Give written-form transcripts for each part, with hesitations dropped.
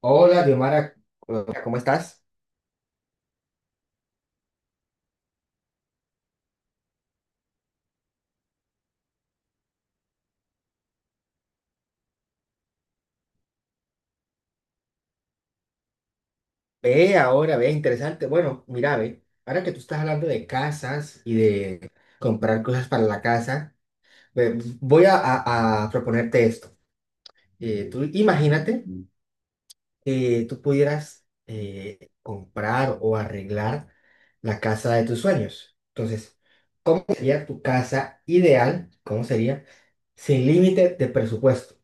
Hola, Diomara, hola, ¿cómo estás? Ve ahora, ve, interesante. Bueno, mira, ve, ahora que tú estás hablando de casas y de comprar cosas para la casa, ve, voy a, a proponerte esto. Tú imagínate que tú pudieras comprar o arreglar la casa de tus sueños. Entonces, ¿cómo sería tu casa ideal? ¿Cómo sería? Sin límite de presupuesto.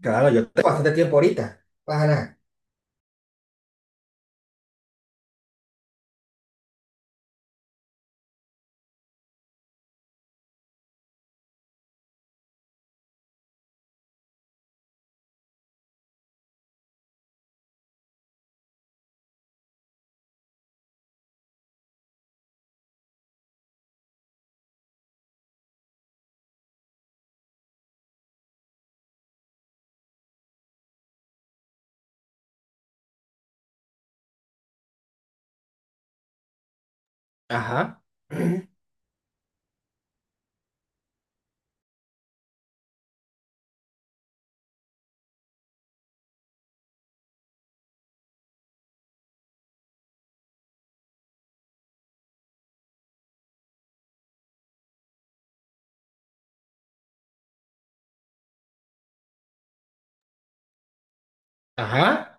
Claro, yo tengo bastante tiempo ahorita. Para nada. Ajá. Ajá.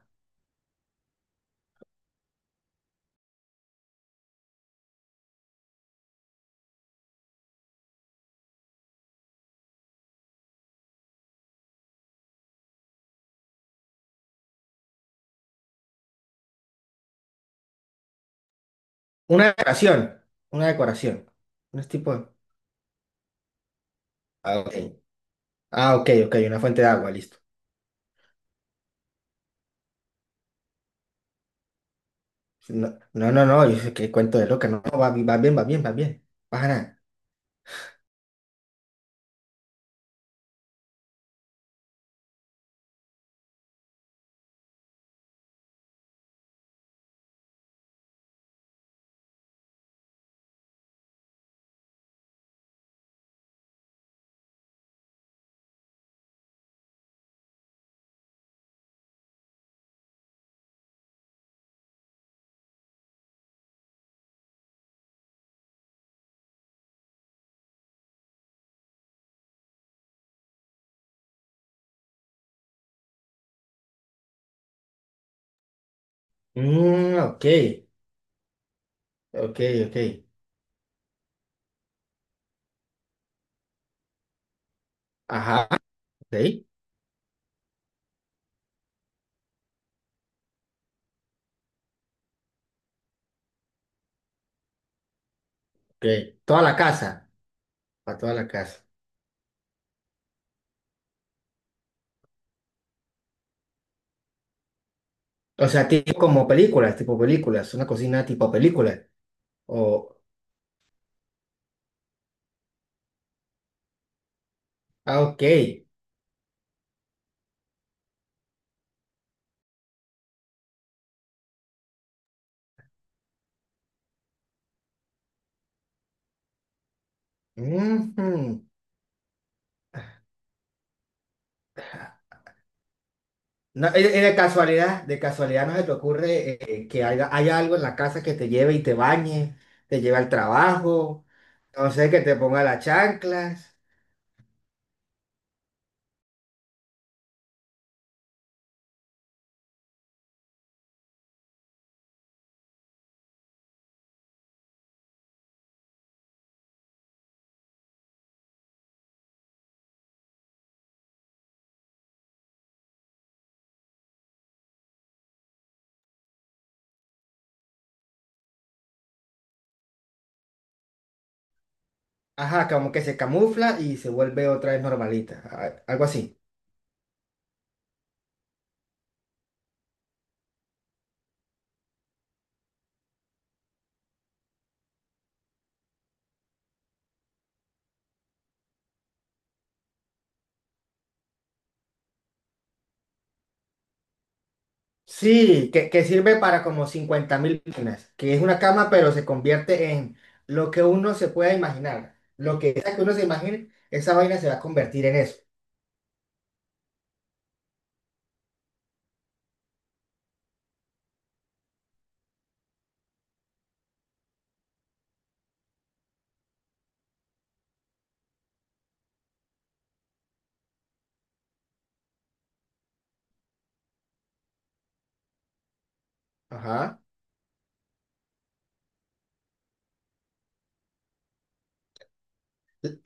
Una decoración. Una decoración. No es tipo. Ah, ok. Ah, ok, ok. Una fuente de agua, listo. No, no, no, no, yo sé que cuento de loca. No, no, va, va bien, va bien, va bien. Baja nada. Mm, ok. Ok, ok. Ajá. Ok, ok. Toda la casa. Para toda la casa. O sea, tipo como películas, tipo películas. Una cocina tipo película. O. Ah, ok. Ujú. No, de casualidad no se te ocurre que haya algo en la casa que te lleve y te bañe, te lleve al trabajo, no sé, que te ponga las chanclas, ajá, como que se camufla y se vuelve otra vez normalita, algo así. Sí, que sirve para como 50 mil vainas, que es una cama pero se convierte en lo que uno se pueda imaginar, lo que sea que uno se imagine, esa vaina se va a convertir en eso, ajá.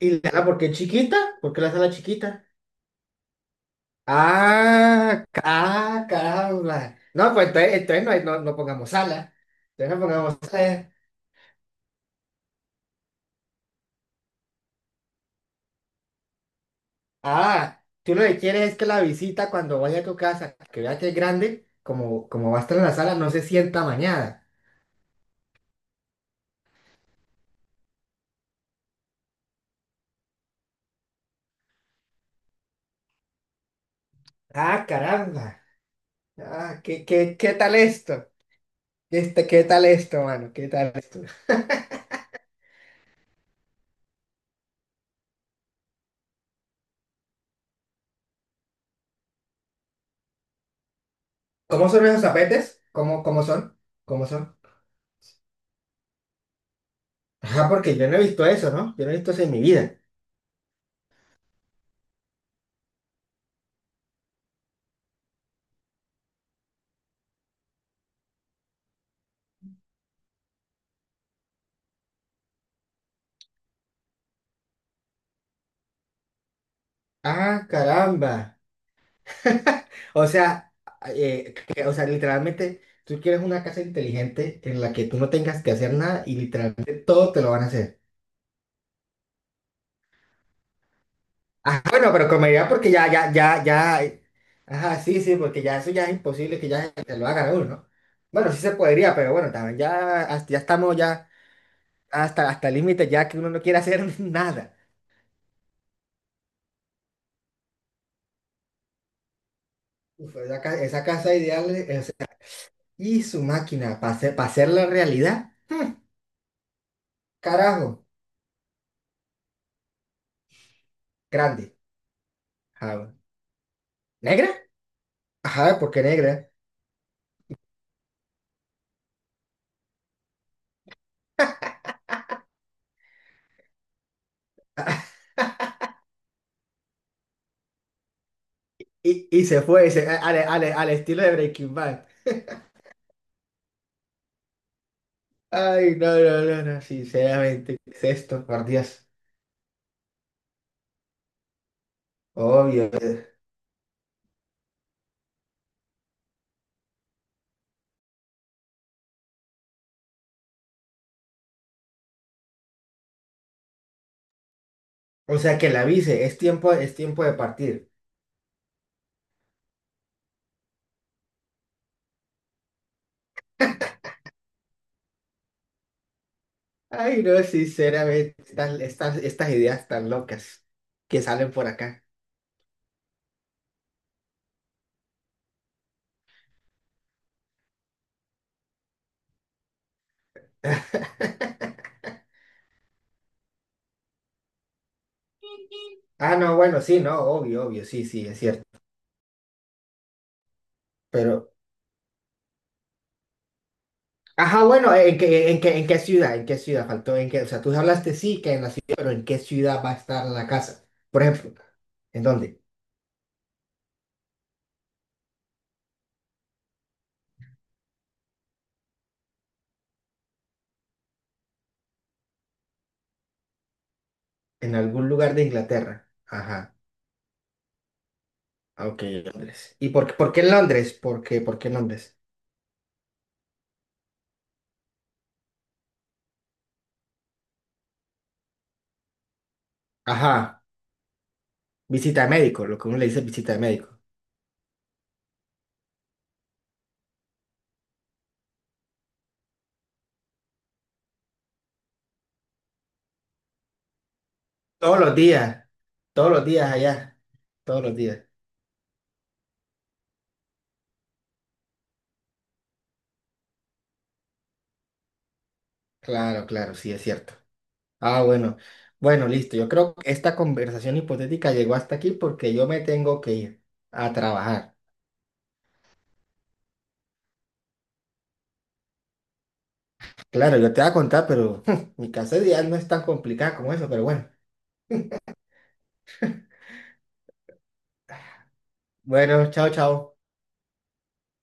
Y la sala porque es chiquita, porque la sala es chiquita. Ah, ah, caramba. No, pues entonces, entonces no, no, no pongamos sala. Entonces no pongamos sala. Ah, tú lo que quieres es que la visita cuando vaya a tu casa, que vea que es grande, como, como va a estar en la sala, no se sienta mañana. Ah, caramba. Ah, ¿qué, qué, qué tal esto? Este, ¿qué tal esto, mano? ¿Qué tal esto? ¿Cómo son esos tapetes? ¿Cómo, cómo son? ¿Cómo son? Ajá, porque yo no he visto eso, ¿no? Yo no he visto eso en mi vida. Ah, caramba. O sea, o sea, literalmente, tú quieres una casa inteligente en la que tú no tengas que hacer nada y literalmente todo te lo van a hacer. Ah, bueno, pero con medida porque ya, ya, ya, ya. Ajá, sí, sí, porque ya eso ya es imposible que ya te lo hagan a uno, ¿no? Bueno, sí se podría, pero bueno, también ya, ya estamos ya hasta, hasta el límite, ya que uno no quiere hacer nada. Uf, esa casa ideal y su máquina para hacer la realidad, carajo, grande. Ajá, ¿negra? Ajá, ¿por qué negra? Y se fue se- al, al- al estilo de Breaking Bad. Ay, no, no, no, no, sinceramente, ¿qué es esto, por Dios? Obvio. O sea, que la avise, es tiempo de partir. Ay, no, sinceramente, estas, estas, estas ideas tan locas que salen por acá. Ah, no, bueno, sí, no, obvio, obvio, sí, sí, es cierto. Pero, ajá, bueno, ¿en qué, en qué, en qué ciudad? ¿En qué ciudad faltó? ¿En qué? O sea, tú hablaste sí que en la ciudad, pero ¿en qué ciudad va a estar la casa? Por ejemplo, ¿en dónde? En algún lugar de Inglaterra. Ajá. Ah, ok, Londres. ¿Y por qué en Londres? Por qué en Londres? Ajá. Visita de médico, lo que uno le dice visita de médico. Todos los días. Todos los días allá. Todos los días. Claro, claro, sí, es cierto. Ah, bueno. Bueno, listo. Yo creo que esta conversación hipotética llegó hasta aquí porque yo me tengo que ir a trabajar. Claro, yo te voy a contar, pero mi casa de día no es tan complicada como eso, pero bueno. Bueno, chao, chao.